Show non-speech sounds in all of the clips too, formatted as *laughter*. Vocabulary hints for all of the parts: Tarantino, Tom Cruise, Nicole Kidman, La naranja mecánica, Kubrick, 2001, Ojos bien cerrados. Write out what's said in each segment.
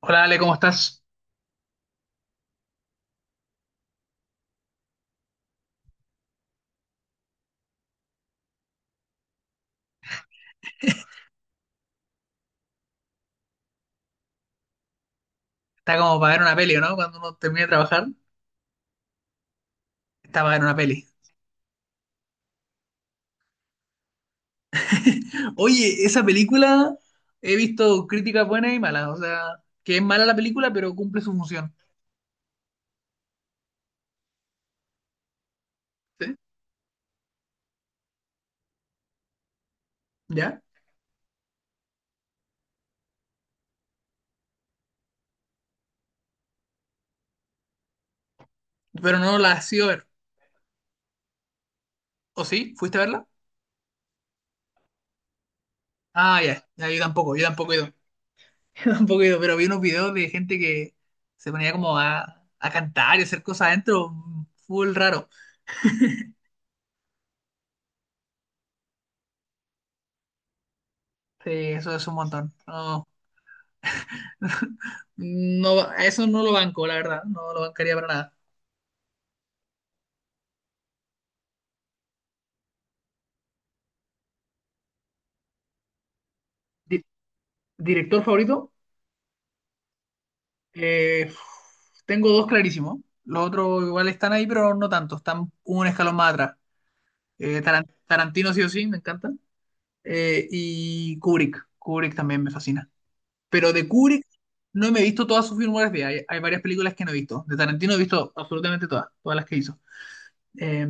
Hola Ale, ¿cómo estás? Está como para ver una peli, ¿o no? Cuando uno termina de trabajar, está para ver una peli. Oye, esa película he visto críticas buenas y malas, o sea, que es mala la película, pero cumple su función. ¿Sí? ¿Ya? Pero no la has ido a ver. ¿O sí? ¿Fuiste a verla? Ah, ya, ya, yo tampoco he ido. *laughs* Yo tampoco he ido, pero vi unos videos de gente que se ponía como a cantar y hacer cosas adentro, full raro. Sí, eso es un montón. No, no, a eso no lo banco, la verdad, no lo bancaría para nada. Director favorito, eh, tengo dos clarísimos. Los otros igual están ahí, pero no tanto. Están un escalón más atrás. Tarantino sí o sí, me encanta. Y Kubrick. Kubrick también me fascina. Pero de Kubrick no me he visto todas sus filmografía. Hay varias películas que no he visto. De Tarantino he visto absolutamente todas, todas las que hizo. Eh,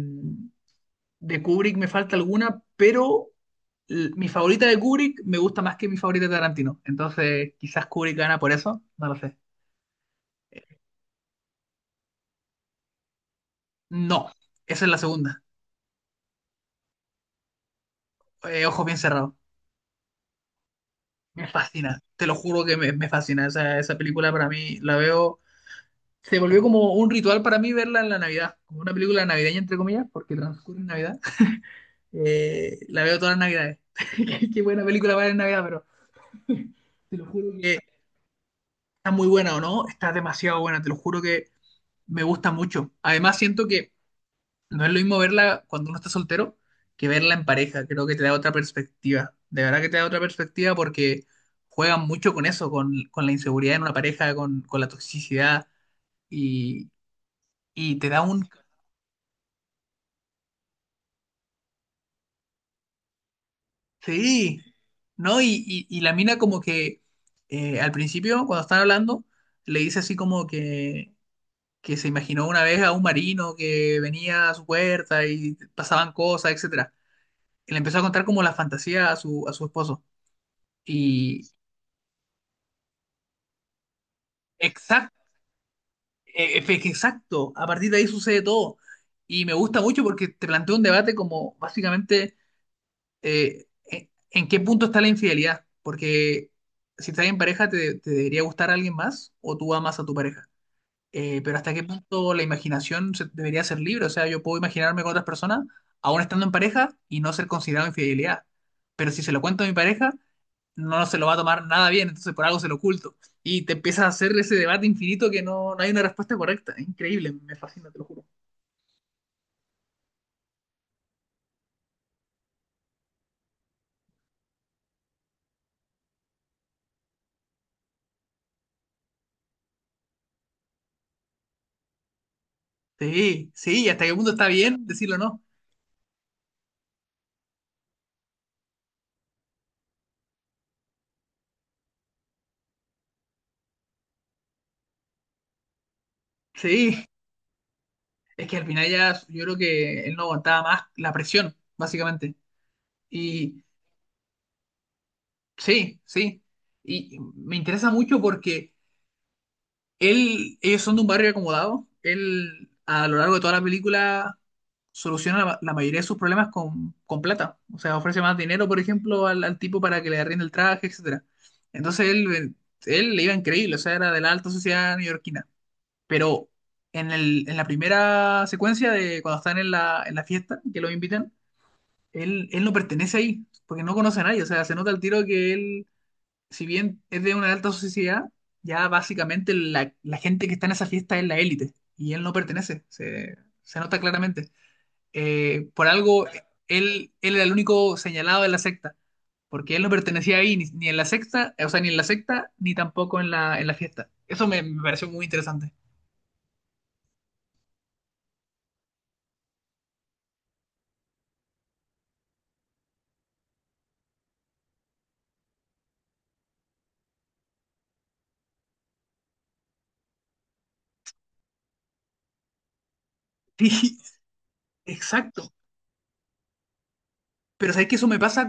de Kubrick me falta alguna, pero mi favorita de Kubrick me gusta más que mi favorita de Tarantino. Entonces, quizás Kubrick gana por eso. No lo sé. No, esa es la segunda. Ojos bien cerrados. Me fascina, te lo juro que me fascina. Esa película para mí la veo. Se volvió como un ritual para mí verla en la Navidad, como una película navideña, entre comillas, porque transcurre en Navidad. La veo todas las Navidades. *laughs* Qué buena película para ver en Navidad, pero *laughs* te lo juro que está muy buena o no, está demasiado buena, te lo juro que me gusta mucho. Además, siento que no es lo mismo verla cuando uno está soltero que verla en pareja. Creo que te da otra perspectiva. De verdad que te da otra perspectiva porque juegan mucho con eso, con, la inseguridad en una pareja, con la toxicidad y, y te da un. Sí, ¿no? Y la mina como que al principio, cuando están hablando, le dice así como que se imaginó una vez a un marino que venía a su puerta y pasaban cosas, etcétera. Y le empezó a contar como la fantasía a su, esposo. Y, Exacto, exacto, a partir de ahí sucede todo. Y me gusta mucho porque te planteo un debate como básicamente, en qué punto está la infidelidad. Porque si estás en pareja, te debería gustar a alguien más o tú amas a tu pareja. Pero hasta qué punto la imaginación debería ser libre. O sea, yo puedo imaginarme con otras personas, aún estando en pareja, y no ser considerado infidelidad. Pero si se lo cuento a mi pareja, no se lo va a tomar nada bien, entonces por algo se lo oculto. Y te empiezas a hacer ese debate infinito que no, no hay una respuesta correcta. Es increíble, me fascina, te lo juro. Sí, sí, ¿y hasta qué punto está bien decirlo o no? Sí, es que al final ya yo creo que él no aguantaba más la presión, básicamente. Y sí, sí. Y me interesa mucho porque ellos son de un barrio acomodado. Él, a lo largo de toda la película, soluciona la, mayoría de sus problemas con plata. O sea, ofrece más dinero, por ejemplo, al, tipo para que le arriende el traje, etcétera. Entonces él le iba increíble, o sea, era de la alta sociedad neoyorquina. Pero en la primera secuencia de cuando están en la, fiesta, que lo invitan, él no pertenece ahí, porque no conoce a nadie. O sea, se nota al tiro que él si bien es de una alta sociedad, ya básicamente la, gente que está en esa fiesta es la élite y él no pertenece, se, nota claramente. Por algo, él era el único señalado de la secta, porque él no pertenecía ahí ni en la secta, o sea, ni en la secta, ni tampoco en la, fiesta. Eso me pareció muy interesante. *laughs* Sí, exacto. Pero sabes que eso me pasa.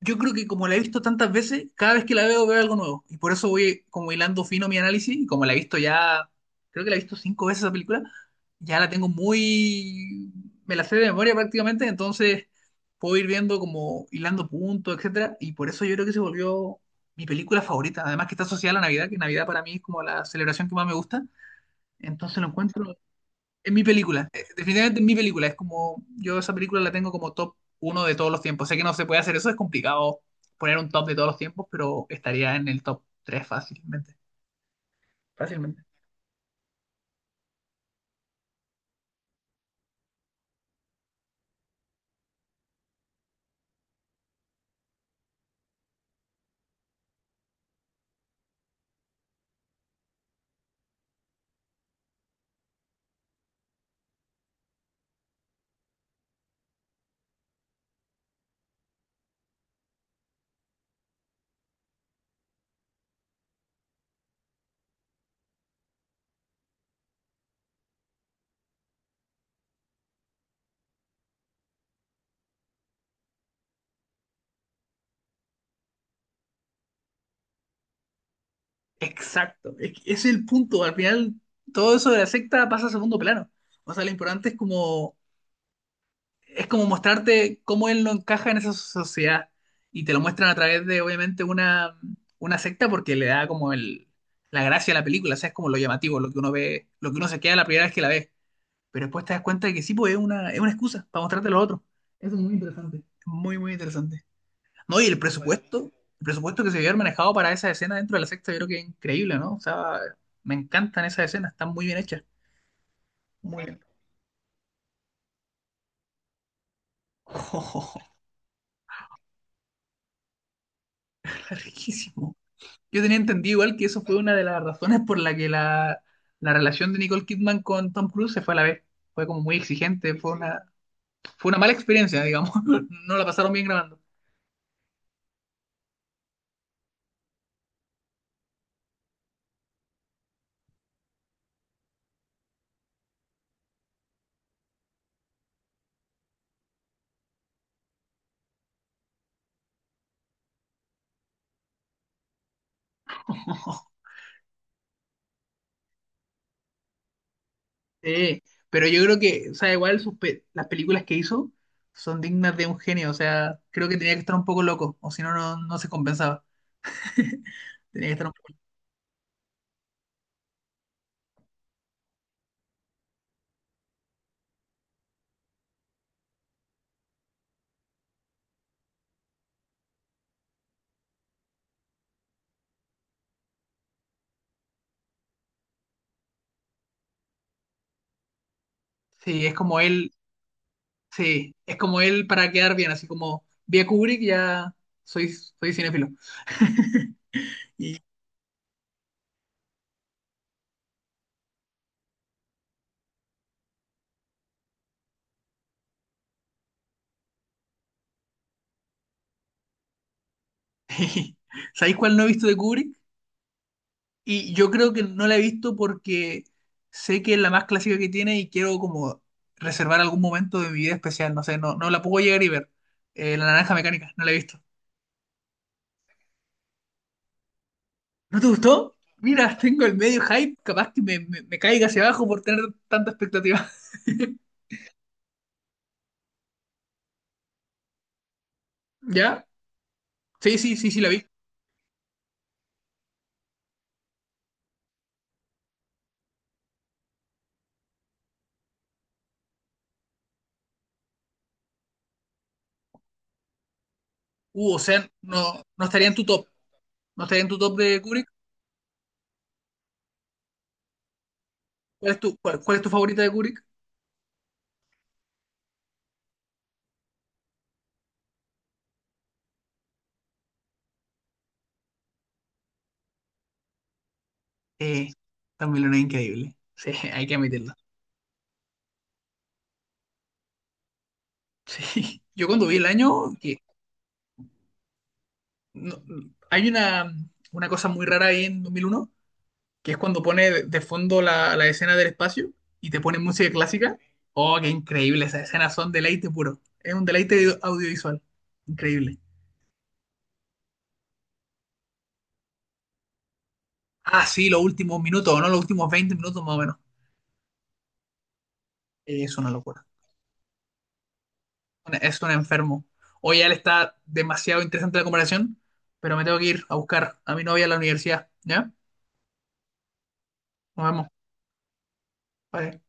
Yo creo que como la he visto tantas veces, cada vez que la veo veo algo nuevo. Y por eso voy como hilando fino mi análisis. Y como la he visto ya, creo que la he visto cinco veces esa película, ya la tengo muy. Me la sé de memoria prácticamente, entonces puedo ir viendo como hilando puntos, etcétera. Y por eso yo creo que se volvió mi película favorita. Además que está asociada a la Navidad, que Navidad para mí es como la celebración que más me gusta. Entonces lo encuentro, es mi película, definitivamente es mi película. Es como, yo esa película la tengo como top uno de todos los tiempos. Sé que no se puede hacer eso, es complicado poner un top de todos los tiempos, pero estaría en el top 3 fácilmente. Fácilmente. Exacto. Que ese es el punto. Al final, todo eso de la secta pasa a segundo plano. O sea, lo importante es como, mostrarte cómo él no encaja en esa sociedad. Y te lo muestran a través de, obviamente, una secta porque le da como la gracia a la película. O sea, es como lo llamativo, lo que uno ve, lo que uno se queda la primera vez que la ve. Pero después te das cuenta de que sí, pues es una excusa para mostrarte a los otros. Eso es muy interesante. Es muy, muy interesante. No, y el Bueno, el presupuesto que se había manejado para esa escena dentro de la secta, yo creo que es increíble, ¿no? O sea, me encantan esas escenas, están muy bien hechas. Muy bien. Oh, *laughs* riquísimo. Yo tenía entendido igual que eso fue una de las razones por la que la, relación de Nicole Kidman con Tom Cruise se fue a la vez. Fue como muy exigente, fue una mala experiencia, digamos. *laughs* No la pasaron bien grabando. *laughs* Sí, pero yo creo que, o sea, igual las películas que hizo son dignas de un genio, o sea, creo que tenía que estar un poco loco, o si no, no se compensaba. Tenía que estar un poco. Sí, es como él, sí, es como él para quedar bien, así como vi a Kubrick, ya soy cinéfilo. *laughs* Y, *laughs* ¿sabéis cuál no he visto de Kubrick? Y yo creo que no la he visto porque sé que es la más clásica que tiene y quiero como reservar algún momento de mi vida especial, no sé, no, no la puedo llegar y ver. La naranja mecánica, no la he visto. ¿No te gustó? Mira, tengo el medio hype, capaz que me, me caiga hacia abajo por tener tanta expectativa. *laughs* ¿Ya? Sí, sí, sí, sí, la vi. O sea, no, no estaría en tu top. No estaría en tu top de Kubrick. ¿Cuál es cuál es tu favorita de Kubrick? Eh, también una increíble. Sí, *laughs* hay que admitirlo. Sí. Yo cuando vi el año, que no- hay una, cosa muy rara ahí en 2001, que es cuando pone de fondo la escena del espacio y te pone música clásica. Oh, qué increíble, esas escenas son deleite puro. Es un deleite audiovisual. Increíble. Ah, sí, los últimos minutos, ¿no? Los últimos 20 minutos más o menos. Es una locura. Es un enfermo. Hoy ya le está demasiado interesante la comparación, pero me tengo que ir a buscar a mi novia a la universidad. ¿Ya? Nos vemos. Bye.